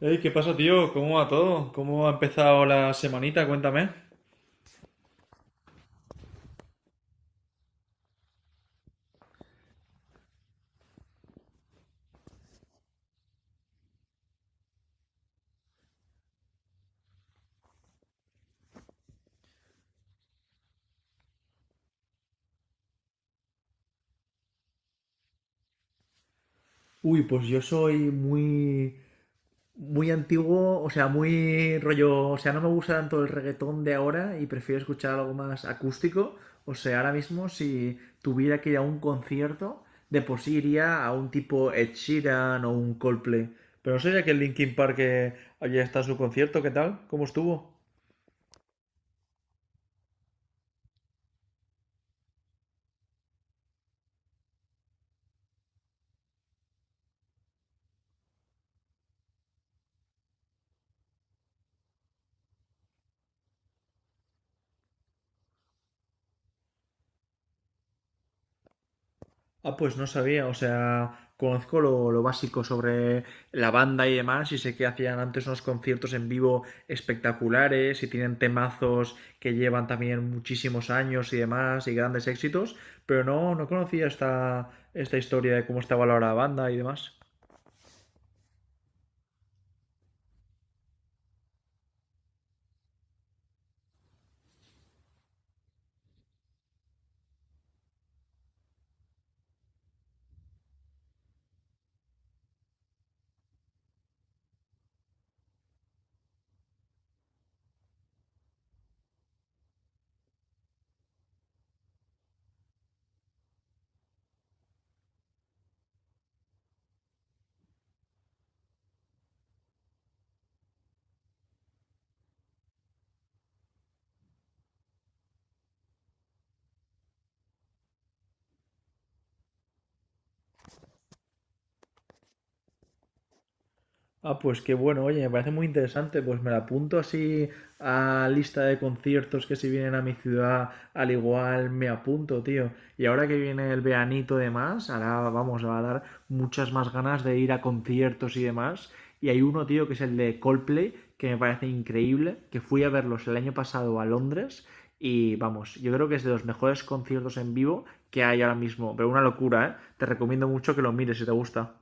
Ey, ¿qué pasa, tío? ¿Cómo va todo? ¿Cómo ha empezado la semanita? Cuéntame. Uy, pues yo soy muy, muy antiguo, o sea, muy rollo, o sea, no me gusta tanto el reggaetón de ahora y prefiero escuchar algo más acústico. O sea, ahora mismo si tuviera que ir a un concierto, de por sí iría a un tipo Ed Sheeran o un Coldplay. Pero no sé si aquel Linkin Park que ayer está en su concierto, ¿qué tal? ¿Cómo estuvo? Ah, pues no sabía, o sea, conozco lo básico sobre la banda y demás, y sé que hacían antes unos conciertos en vivo espectaculares, y tienen temazos que llevan también muchísimos años y demás, y grandes éxitos, pero no, no conocía esta, esta historia de cómo estaba valorada la banda y demás. Ah, pues qué bueno, oye, me parece muy interesante, pues me la apunto así a lista de conciertos que si vienen a mi ciudad, al igual me apunto, tío. Y ahora que viene el veranito y demás, ahora vamos, va a dar muchas más ganas de ir a conciertos y demás. Y hay uno, tío, que es el de Coldplay, que me parece increíble, que fui a verlos el año pasado a Londres y vamos, yo creo que es de los mejores conciertos en vivo que hay ahora mismo, pero una locura, ¿eh? Te recomiendo mucho que lo mires si te gusta.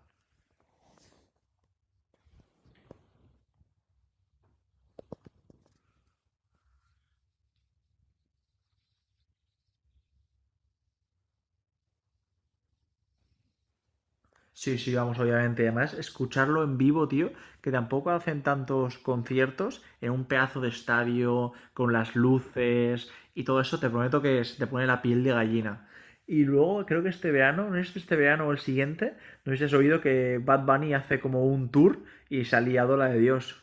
Sí, sí, vamos, obviamente. Además, escucharlo en vivo, tío, que tampoco hacen tantos conciertos en un pedazo de estadio, con las luces y todo eso, te prometo que se te pone la piel de gallina. Y luego, creo que este verano, no es este verano o el siguiente, no sé si has oído que Bad Bunny hace como un tour y se ha liado la de Dios.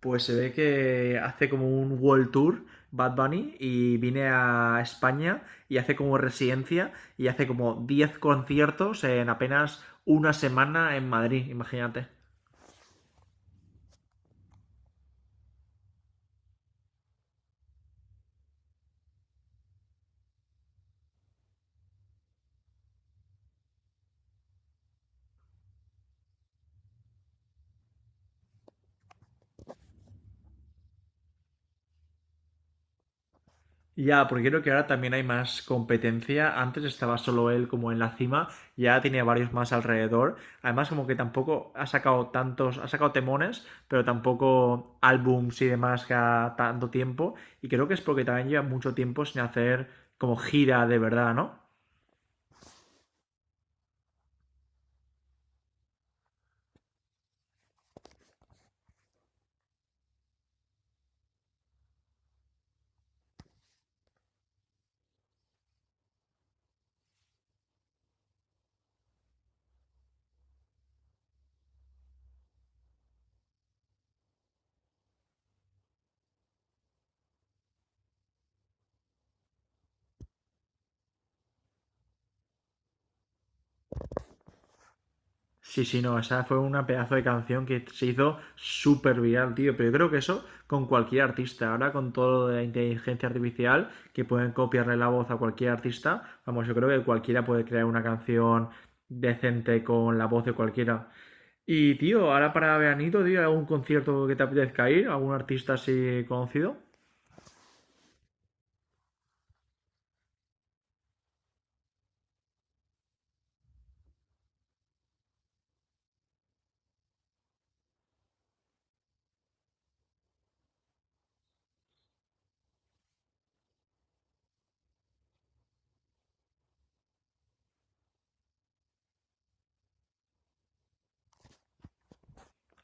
Pues se ve que hace como un world tour Bad Bunny y viene a España y hace como residencia y hace como 10 conciertos en apenas una semana en Madrid, imagínate. Ya, porque creo que ahora también hay más competencia. Antes estaba solo él como en la cima, ya tenía varios más alrededor. Además, como que tampoco ha sacado tantos, ha sacado temones, pero tampoco álbums y demás cada tanto tiempo. Y creo que es porque también lleva mucho tiempo sin hacer como gira de verdad, ¿no? Sí, sí, no, esa fue una pedazo de canción que se hizo súper viral, tío. Pero yo creo que eso con cualquier artista. Ahora con todo lo de la inteligencia artificial, que pueden copiarle la voz a cualquier artista, vamos, yo creo que cualquiera puede crear una canción decente con la voz de cualquiera. Y, tío, ahora para veranito, tío, ¿algún concierto que te apetezca ir? ¿Algún artista así conocido?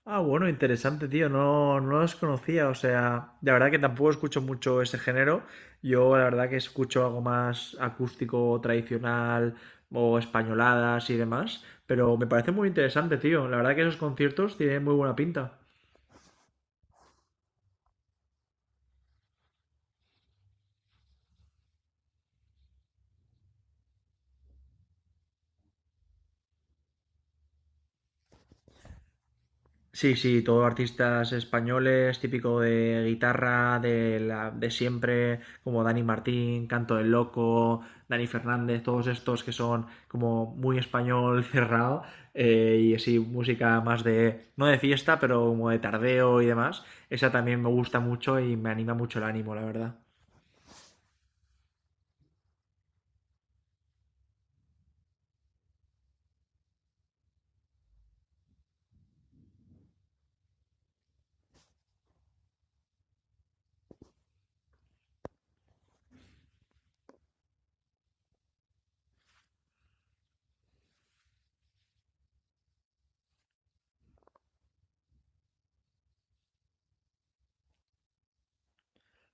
Ah, bueno, interesante, tío. No, no los conocía. O sea, de verdad que tampoco escucho mucho ese género. Yo, la verdad, que escucho algo más acústico, tradicional o españoladas y demás. Pero me parece muy interesante, tío. La verdad que esos conciertos tienen muy buena pinta. Sí, sí, todo artistas españoles, típico de guitarra, de siempre, como Dani Martín, Canto del Loco, Dani Fernández, todos estos que son como muy español cerrado, y así música más de, no de fiesta, pero como de tardeo y demás. Esa también me gusta mucho y me anima mucho el ánimo, la verdad.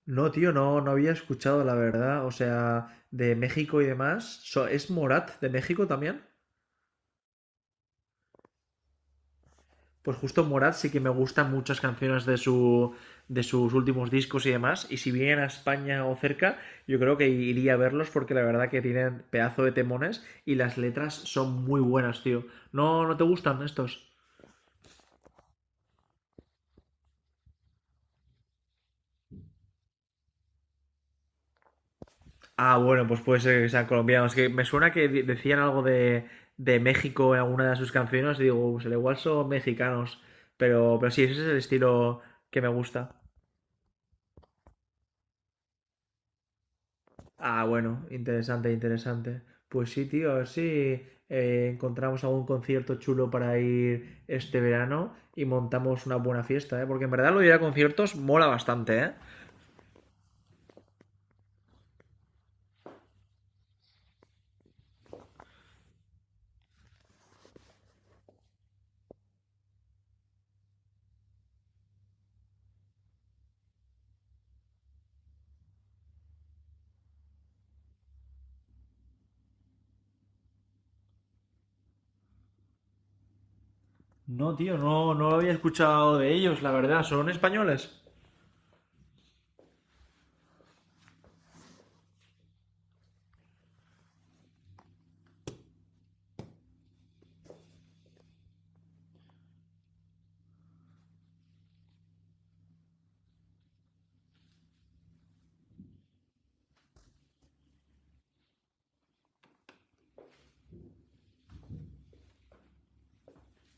No, tío, no, no había escuchado, la verdad. O sea, de México y demás. So- ¿Es Morat de México también? Pues justo Morat sí que me gustan muchas canciones de su de sus últimos discos y demás. Y si vienen a España o cerca, yo creo que iría a verlos porque la verdad que tienen pedazo de temones y las letras son muy buenas, tío. ¿No, no te gustan estos? Ah, bueno, pues puede ser que sean colombianos. Que me suena que de- decían algo de México en alguna de sus canciones. Y digo, pues al igual son mexicanos. Pero sí, ese es el estilo que me gusta. Ah, bueno, interesante, interesante. Pues sí, tío, a ver si encontramos algún concierto chulo para ir este verano y montamos una buena fiesta, ¿eh? Porque en verdad lo de ir a conciertos mola bastante, ¿eh? No, tío, no, no lo había escuchado de ellos, la verdad. ¿Son españoles?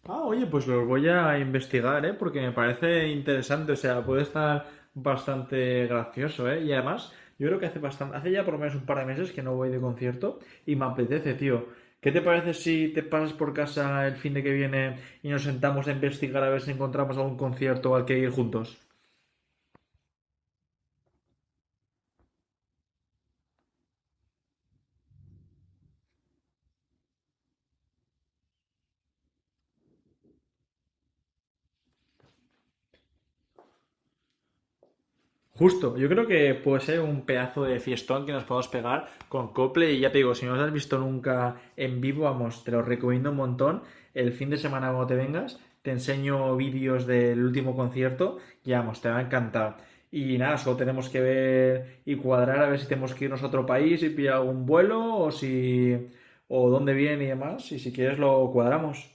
Ah, oye, pues los voy a investigar, ¿eh? Porque me parece interesante, o sea, puede estar bastante gracioso, ¿eh? Y además, yo creo que hace bastante, hace ya por lo menos un par de meses que no voy de concierto y me apetece, tío. ¿Qué te parece si te pasas por casa el fin de que viene y nos sentamos a investigar a ver si encontramos algún concierto al que ir juntos? Justo, yo creo que puede ser un pedazo de fiestón que nos podemos pegar con Cople y ya te digo, si no los has visto nunca en vivo, vamos, te lo recomiendo un montón. El fin de semana cuando te vengas, te enseño vídeos del último concierto y vamos, te va a encantar. Y nada, solo tenemos que ver y cuadrar a ver si tenemos que irnos a otro país y pillar algún vuelo o si o dónde vienen y demás, y si quieres lo cuadramos.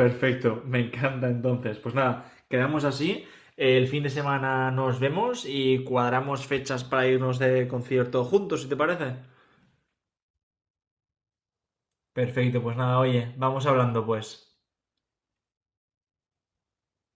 Perfecto, me encanta entonces. Pues nada, quedamos así. El fin de semana nos vemos y cuadramos fechas para irnos de concierto juntos, si te parece. Perfecto, pues nada, oye, vamos hablando pues.